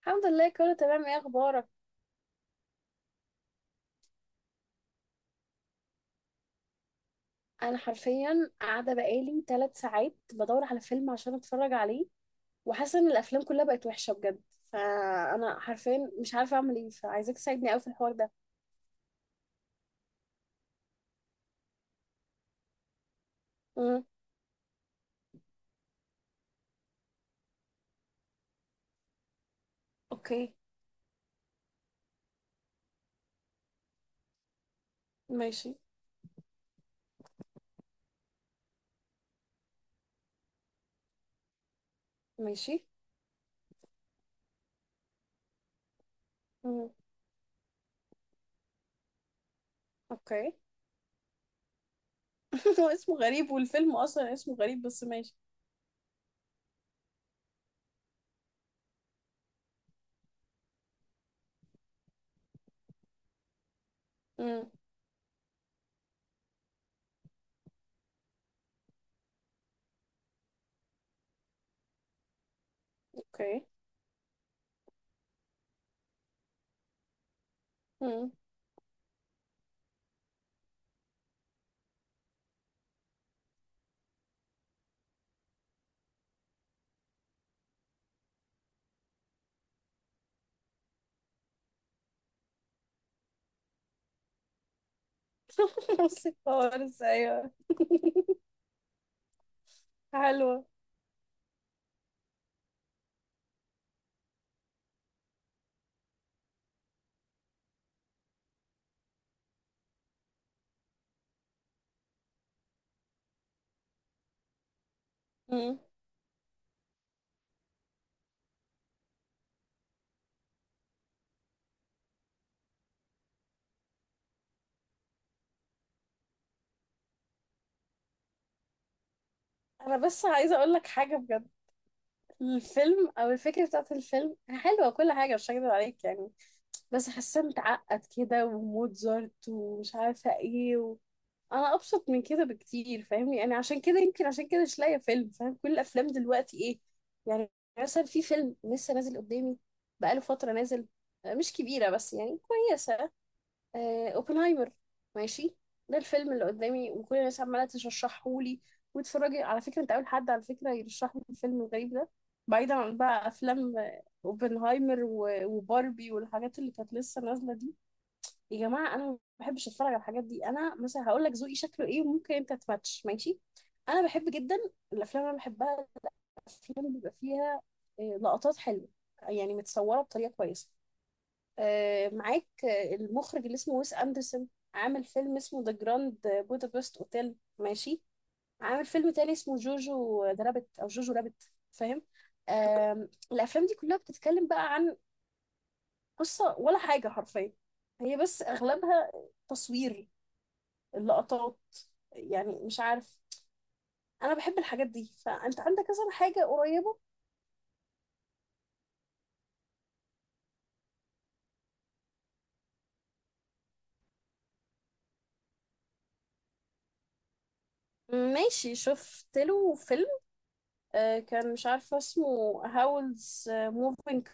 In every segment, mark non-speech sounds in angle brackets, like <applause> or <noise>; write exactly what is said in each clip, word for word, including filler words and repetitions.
الحمد لله، كله تمام. ايه اخبارك؟ انا حرفيا قاعده بقالي ثلاث ساعات بدور على فيلم عشان اتفرج عليه، وحاسه ان الافلام كلها بقت وحشه بجد. فانا حرفيا مش عارفه اعمل ايه، فعايزاك تساعدني قوي في الحوار ده. امم. اوكي. ماشي. ماشي. امم. اوكي. <laughs> هو اسمه غريب، والفيلم اصلا اسمه غريب، بس ماشي. امم. اوكي. امم. <laughs> بصي خالص، ايوه. حلوه. امم. انا بس عايزه اقول لك حاجه بجد. الفيلم او الفكره بتاعت الفيلم حلوه، كل حاجه، مش هكدب عليك يعني. بس حاسه متعقد كده، وموتزارت، ومش عارفه ايه و... انا ابسط من كده بكتير، فاهمني يعني؟ عشان كده يمكن، عشان كده مش لاقيه فيلم، فاهم كل الافلام دلوقتي ايه. يعني مثلا في فيلم لسه نازل قدامي، بقاله فتره نازل، آه، مش كبيره بس يعني كويسه. آه، اوبنهايمر. ماشي. ده الفيلم اللي قدامي، وكل الناس عماله ترشحه لي. واتفرجي، على فكره انت اول حد على فكره يرشح لي الفيلم الغريب ده، بعيدا عن بقى افلام آه، اوبنهايمر و- وباربي والحاجات اللي كانت لسه نازله دي. يا جماعه، انا ما بحبش اتفرج على الحاجات دي. انا مثلا هقول لك ذوقي شكله ايه، وممكن انت تماتش، ماشي. انا بحب جدا الافلام، اللي انا بحبها الافلام بيبقى فيها آه، لقطات حلوه، يعني متصوره بطريقه كويسه. آه، معاك آه، المخرج اللي اسمه ويس أندرسون، عامل فيلم اسمه ذا جراند بودابست اوتيل، ماشي. عامل فيلم تاني اسمه جوجو ذا رابت او جوجو رابت، فاهم؟ آم، الافلام دي كلها بتتكلم بقى عن قصة، ولا حاجة حرفيا، هي بس اغلبها تصوير، اللقطات، يعني مش عارف. انا بحب الحاجات دي، فانت عندك مثلا حاجة قريبة؟ ماشي. شفت له فيلم آه، كان مش عارفة اسمه، هاولز موفينج.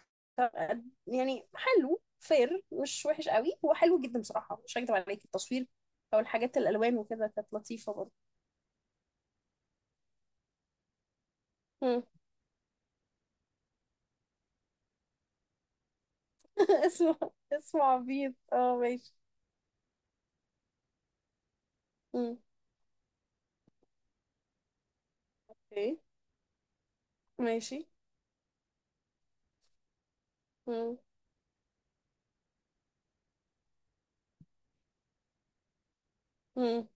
يعني حلو فير، مش وحش قوي، هو حلو جدا بصراحة، مش هكدب عليك. التصوير، أو الحاجات، الألوان وكده، كانت لطيفة برضه. مم. <laughs> اسمه اسمه عبيط، اه، ماشي. مم. اوكي. ماشي. مم. مم.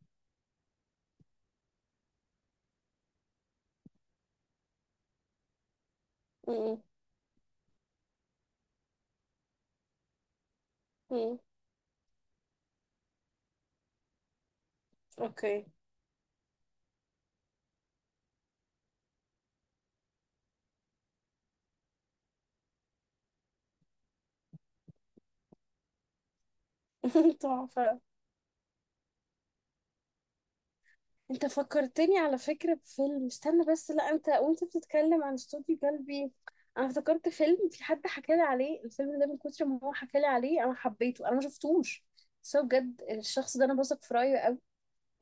مم. مم. اوكي. <laughs> تحفة. انت فكرتني على فكرة بفيلم، استنى بس. لا انت، وانت بتتكلم عن استوديو جلبي، انا افتكرت فيلم في حد حكالي عليه. الفيلم ده من كتر ما هو حكالي عليه انا حبيته، انا ما شفتوش، بس هو بجد الشخص ده انا بثق في رايه قوي.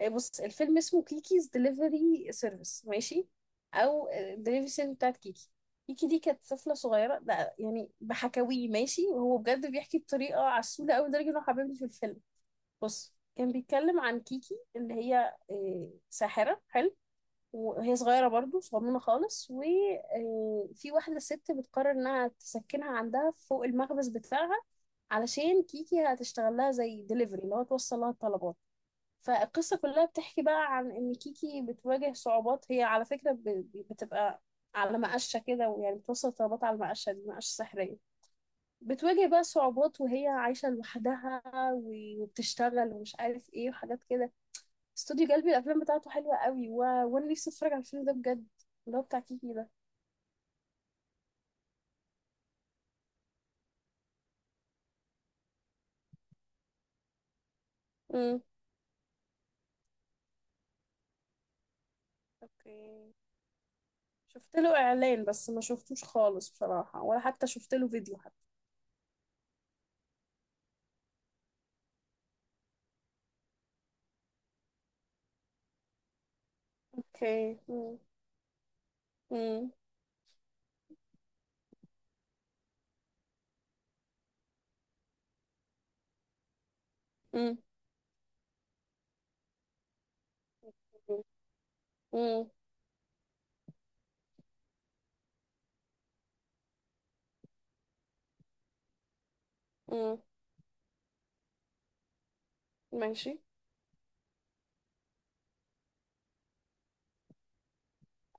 آه، بص، الفيلم اسمه كيكيز دليفري سيرفيس، ماشي. او دليفري سيرفيس بتاعت كيكي. كيكي دي كانت طفلة صغيرة، ده يعني بحكاويه ماشي، وهو بجد بيحكي بطريقة عسولة قوي لدرجة انه حببني في الفيلم. بص، كان بيتكلم عن كيكي اللي هي آه، ساحرة، حلو. وهي صغيرة برضو، صغنونة خالص، وفي واحدة ست بتقرر انها تسكنها عندها فوق المخبز بتاعها، علشان كيكي هتشتغل لها زي ديليفري، اللي هو توصل لها الطلبات. فالقصة كلها بتحكي بقى عن ان كيكي بتواجه صعوبات. هي على فكرة ب- ب- بتبقى على مقشة كده، ويعني بتوصل الطلبات على المقشة دي، مقشة سحرية. بتواجه بقى صعوبات، وهي عايشة لوحدها، و- وبتشتغل ومش عارف ايه، وحاجات كده. استوديو جلبي الافلام بتاعته حلوة قوي و... وانا نفسي اتفرج على الفيلم ده بجد، اللي هو بتاع كيكي ده. امم. اوكي. شفت له اعلان، بس ما شفتوش خالص بصراحة، ولا حتى شفت له فيديو حتى. اوكي. امم. امم. امم. امم. امم. ماشي.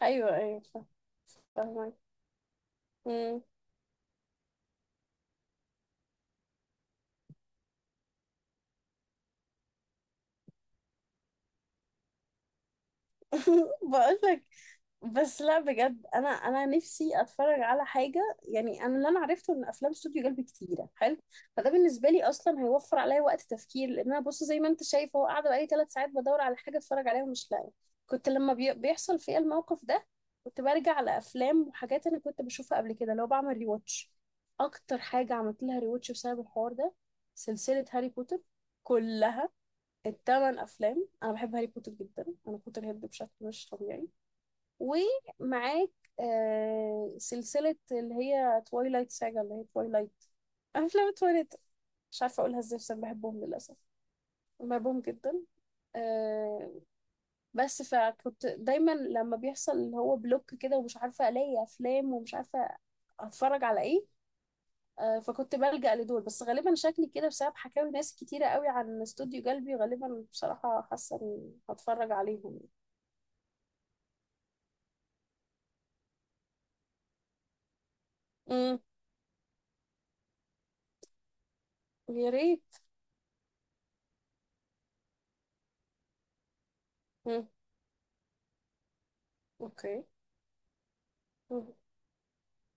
ايوه، ايوه. فاهمة. <laughs> امم. بقول لك، بس لا بجد، انا انا نفسي اتفرج على حاجه يعني. انا اللي انا عرفته ان افلام استوديو جلب كتيره حلو، فده بالنسبه لي اصلا هيوفر عليا وقت تفكير، لان انا بص زي ما انت شايف هو قاعده بقالي ثلاث ساعات بدور على حاجه اتفرج عليها ومش لاقيه. كنت لما بي- بيحصل فيا الموقف ده، كنت برجع على افلام وحاجات انا كنت بشوفها قبل كده، لو بعمل ريواتش. اكتر حاجه عملت لها ريواتش بسبب الحوار ده، سلسله هاري بوتر كلها، الثمان افلام. انا بحب هاري بوتر جدا، انا بوتر هيد بشكل مش طبيعي. ومعاك آه سلسلة اللي هي تويلايت ساجا، اللي هي تويلايت، أفلام تويلايت. مش عارفة أقولها إزاي، بس أنا بحبهم للأسف، بحبهم جدا. آه بس فكنت دايما لما بيحصل اللي هو بلوك كده، ومش عارفة ألاقي أفلام، ومش عارفة أتفرج على إيه. آه فكنت بلجأ لدول. بس غالبا شكلي كده بسبب حكاوي ناس كتيرة قوي عن استوديو قلبي، غالبا بصراحة حاسة إني هتفرج عليهم. امم. يا ريت. مم. اوكي. مم.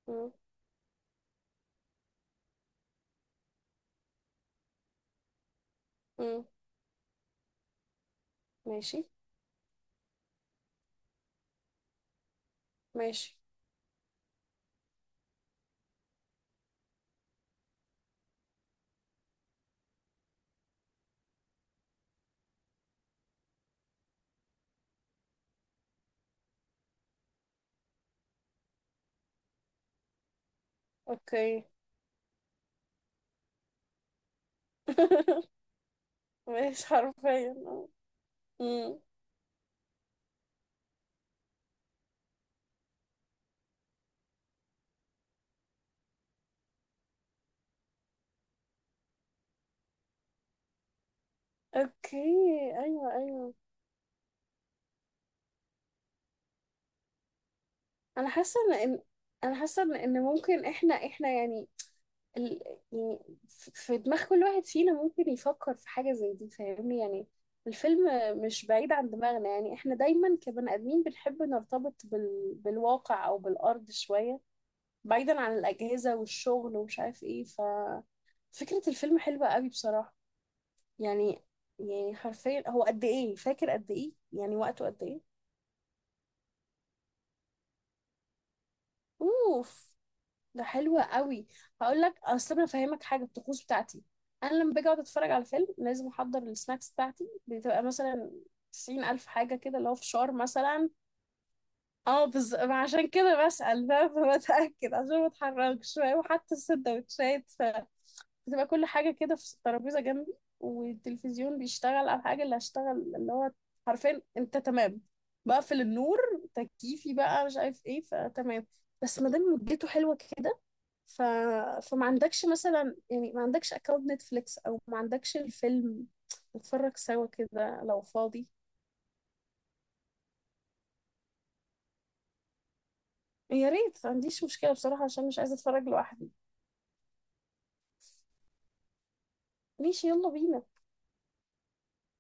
مم. مم. ماشي. ماشي. اوكي. <laughs> ماشي، حرفيا اه. أمم. اوكي. ايوه، ايوه. انا حاسه ان إن- انا حاسه ان إن ممكن احنا احنا يعني ال... يعني ف- في دماغ كل واحد فينا ممكن يفكر في حاجه زي دي، فاهمني يعني. الفيلم مش بعيد عن دماغنا، يعني احنا دايما كبني ادمين بنحب نرتبط بال... بالواقع او بالارض شويه، بعيدا عن الاجهزه والشغل ومش عارف ايه. ف فكره الفيلم حلوه قوي بصراحه، يعني. يعني حرفيا هو قد ايه؟ فاكر قد ايه يعني، وقته قد ايه؟ اوف، ده حلو قوي. هقول لك، اصل انا فاهمك حاجه، الطقوس بتاعتي، انا لما باجي اقعد اتفرج على فيلم لازم احضر السناكس بتاعتي. بتبقى مثلا تسعين ألف حاجة كده، اللي هو فشار مثلا. اه، بز... عشان كده بسأل، فاهم؟ <laughs> بتأكد عشان ما اتحركش، فاهم؟ وحتى السندوتشات بتبقى كل حاجة كده في الترابيزة جنبي، والتلفزيون بيشتغل على الحاجة اللي هشتغل، اللي هو حرفيا انت تمام، بقفل النور، تكييفي بقى مش عارف ايه، فتمام. بس ما دام مدته حلوة كده ف... فما عندكش مثلا، يعني ما عندكش اكونت نتفليكس، او ما عندكش الفيلم، نتفرج سوا كده لو فاضي؟ يا ريت، ما عنديش مشكلة بصراحة، عشان مش عايزة اتفرج لوحدي. ماشي، يلا بينا.